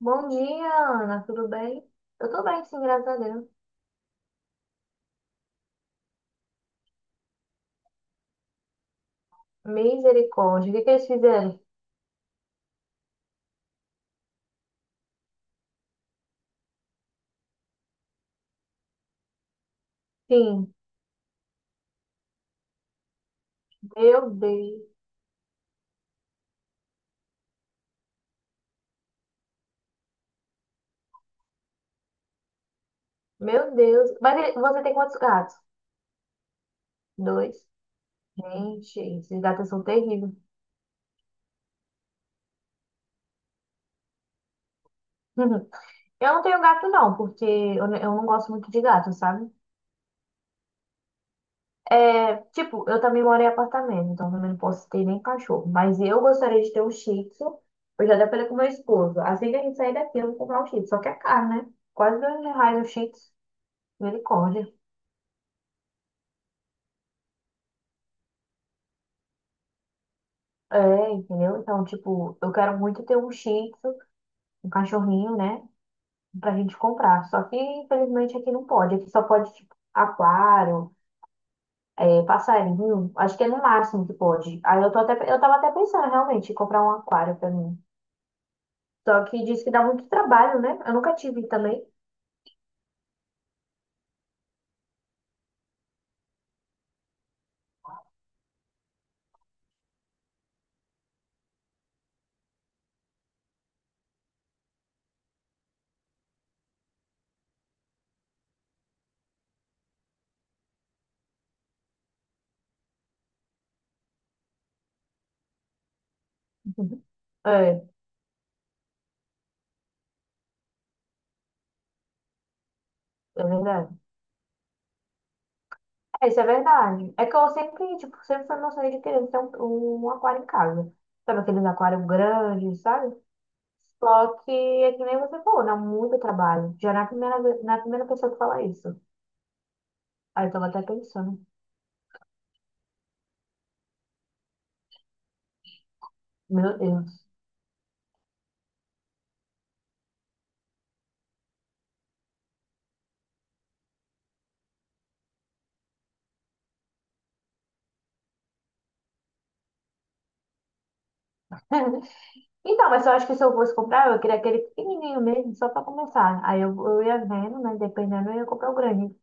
Bom dia, Ana, tudo bem? Eu tô bem, sim, graças a Deus. Misericórdia, o que que eles fizeram? Sim, meu Deus, meu Deus. Mas você tem quantos gatos? Dois. Gente, esses gatos são terríveis. Eu não tenho gato, não, porque eu não gosto muito de gato, sabe? É, tipo, eu também moro em apartamento, então também não posso ter nem cachorro. Mas eu gostaria de ter um shih tzu. Eu já até falei com meu esposo. Assim que a gente sair daqui, eu vou comprar um shih tzu. Só que é caro, né? Quase R$ 2.000 o shih tzu. Misericórdia. É, entendeu? Então, tipo, eu quero muito ter um shih tzu, um cachorrinho, né? Pra gente comprar. Só que, infelizmente, aqui não pode. Aqui só pode, tipo, aquário, é, passarinho. Acho que é no máximo que pode. Aí eu tava até pensando, realmente, em comprar um aquário pra mim. Só que diz que dá muito trabalho, né? Eu nunca tive também. É, é verdade. É, isso é verdade. É que eu sempre, tipo, sempre fui noção de querer ter um aquário em casa. Sabe aqueles aquários grandes, sabe? Só que é que nem você falou, dá muito trabalho. Já na primeira pessoa que fala isso. Aí eu tava até pensando, meu Deus. Então, mas eu acho que se eu fosse comprar, eu queria aquele pequenininho mesmo, só pra começar. Aí eu ia vendo, né? Dependendo, eu ia comprar o grande.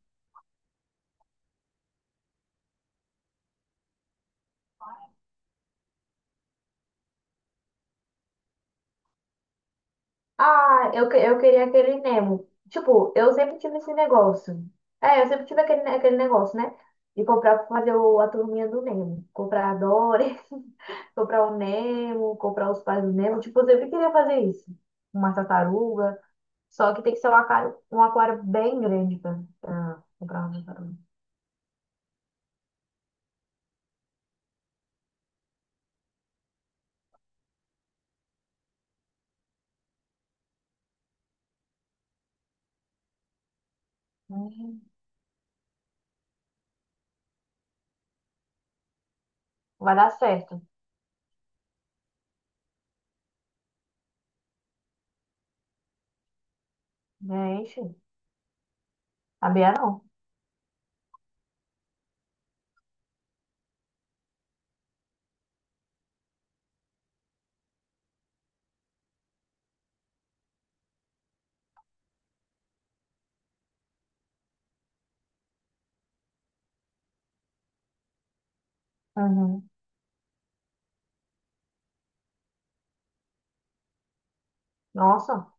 Ah, eu queria aquele Nemo. Tipo, eu sempre tive esse negócio. É, eu sempre tive aquele negócio, né? De comprar, pra fazer a turminha do Nemo. Comprar a Dory. Comprar o Nemo, comprar os pais do Nemo. Tipo, eu sempre queria fazer isso. Uma tartaruga. Só que tem que ser um aquário bem grande pra comprar uma tartaruga. Uhum. Vai dar certo. Né? Gente, sabia não. Uhum. Nossa.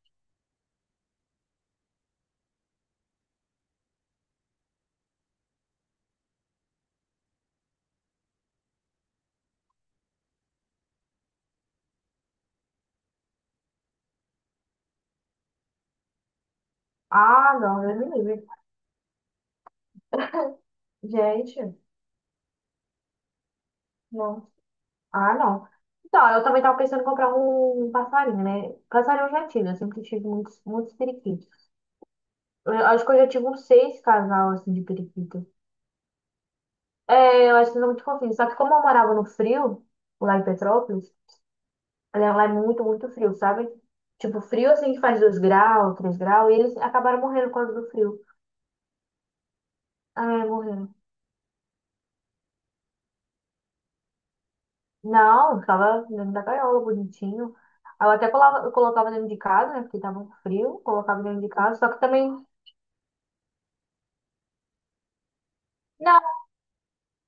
Ah, não, Deus me livre. Gente, não. Ah, não. Então, eu também tava pensando em comprar um passarinho, né? Passarinho eu já tive, eu sempre tive muitos, muitos periquitos. Eu acho que eu já tive uns seis casal, assim, de periquitos. É, eu acho que não é muito fofinho. Só que como eu morava no frio, lá em Petrópolis, né, lá é muito, muito frio, sabe? Tipo, frio assim que faz 2 graus, 3 graus, e eles acabaram morrendo por causa do frio. Ah, morrendo. Não, ficava dentro da gaiola, bonitinho. Eu colocava dentro de casa, né? Porque tava muito frio, colocava dentro de casa, só que também. Não,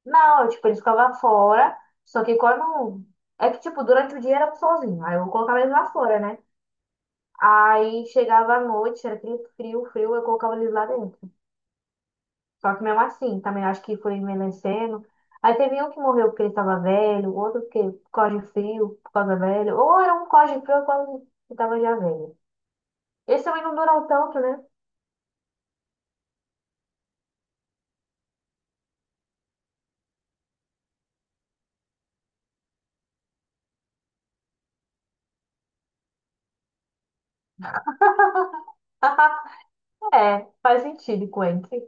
não, tipo, eles ficavam fora, só que quando. É que, tipo, durante o dia era sozinho. Aí eu colocava eles lá fora, né? Aí chegava à noite, era frio, frio, frio, eu colocava eles lá dentro. Só que mesmo assim, também acho que foi envelhecendo. Aí teve um que morreu porque ele estava velho, outro porque por causa de frio, por causa velho. Ou era um por causa de frio, por causa que estava já velho. Esse também não durou tanto, né? É, faz sentido, Quentin.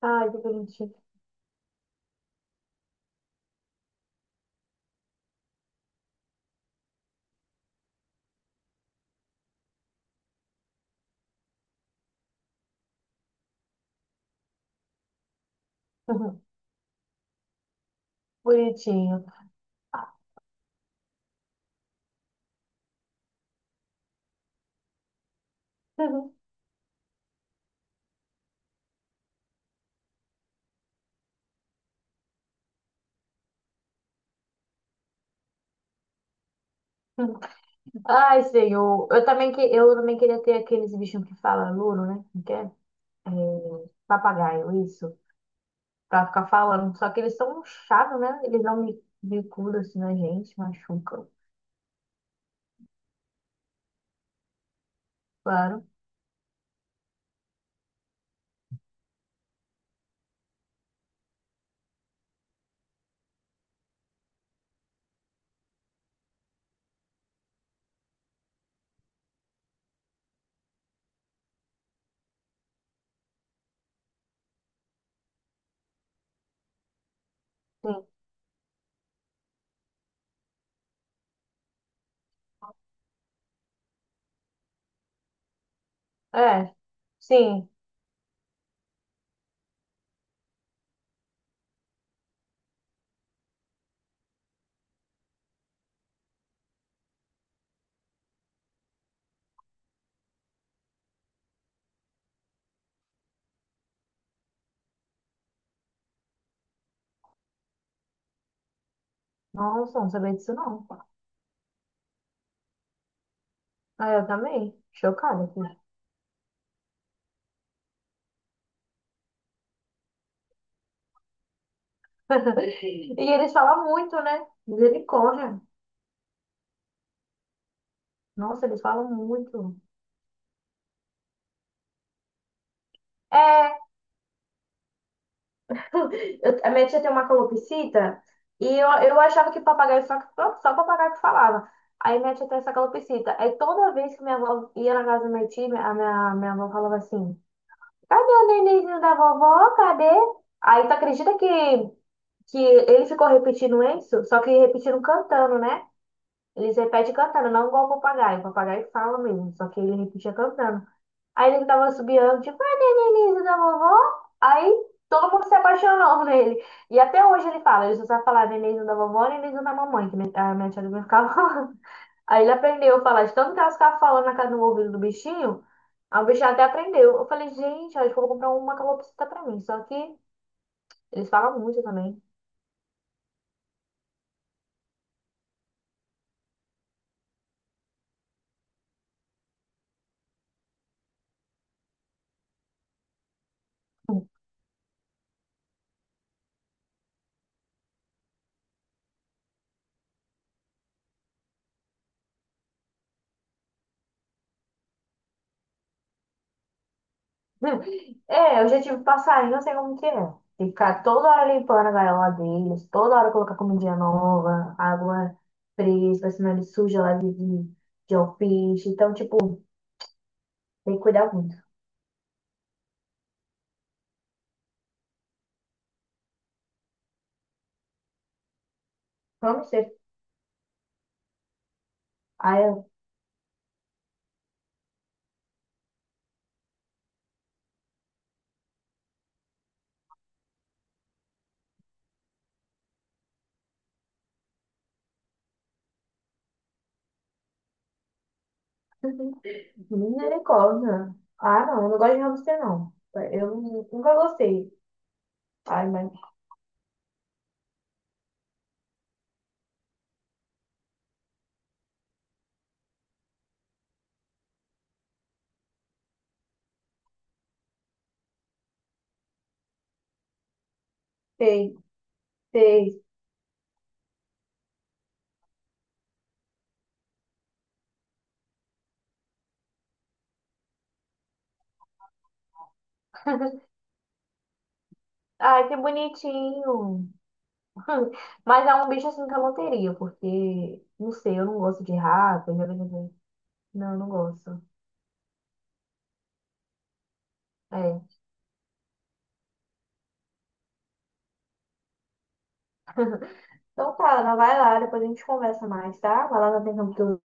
Ai, que bonitinho. Bonitinho. Ai, senhor. Eu também queria ter aqueles bichinhos que falam louro, né? Não quer? É, papagaio, isso. Pra ficar falando. Só que eles são um chato, né? Eles dão bicuda assim na gente, machucam. Claro. Sim. É, sim. Nossa, não sabia disso não. Ah, eu também. Chocada aqui. E eles falam muito, né? Misericórdia. Nossa, eles falam muito. É, a minha tia tem uma calopsita e eu achava que papagaio só papagaio que falava. Aí minha tia tem essa calopsita. Aí toda vez que minha avó ia na casa da minha tia, a minha avó falava assim. Cadê o nenenzinho da vovó? Cadê? Aí tu acredita que, ele ficou repetindo isso? Só que repetindo cantando, né? Eles repetem cantando, não igual o papagaio. O papagaio fala mesmo, só que ele repetia cantando. Aí ele tava subiando, tipo, cadê o nenenzinho da vovó? Aí todo mundo se apaixonou nele. E até hoje ele fala, ele só sabe falar nenenzinho da vovó, nenenzinho da mamãe, que a minha tia do Lívia ficava. Aí ele aprendeu a falar, de tanto que ela ficava falando na casa do ouvido do bichinho, aí o bichinho até aprendeu. Eu falei, gente, acho que eu vou comprar uma calopsita pra mim. Só que eles falam muito também. É, eu já tive passarinho, eu sei como que é. Tem que ficar toda hora limpando a gaiola deles, toda hora colocar comidinha nova, água fresca, senão ele suja lá de alfiche. Então, tipo, tem que cuidar muito. Hamster. Aí eu, misericórdia. Ah, não, eu não gosto de hamster, não. Eu nunca gostei. Ai, mas sei, sei. Ai, que bonitinho. Mas é um bicho assim que eu não teria, porque, não sei, eu não gosto de rato, né? Não, eu não gosto. É. Então tá, Ana, vai lá, depois a gente conversa mais, tá? Vai lá na atenção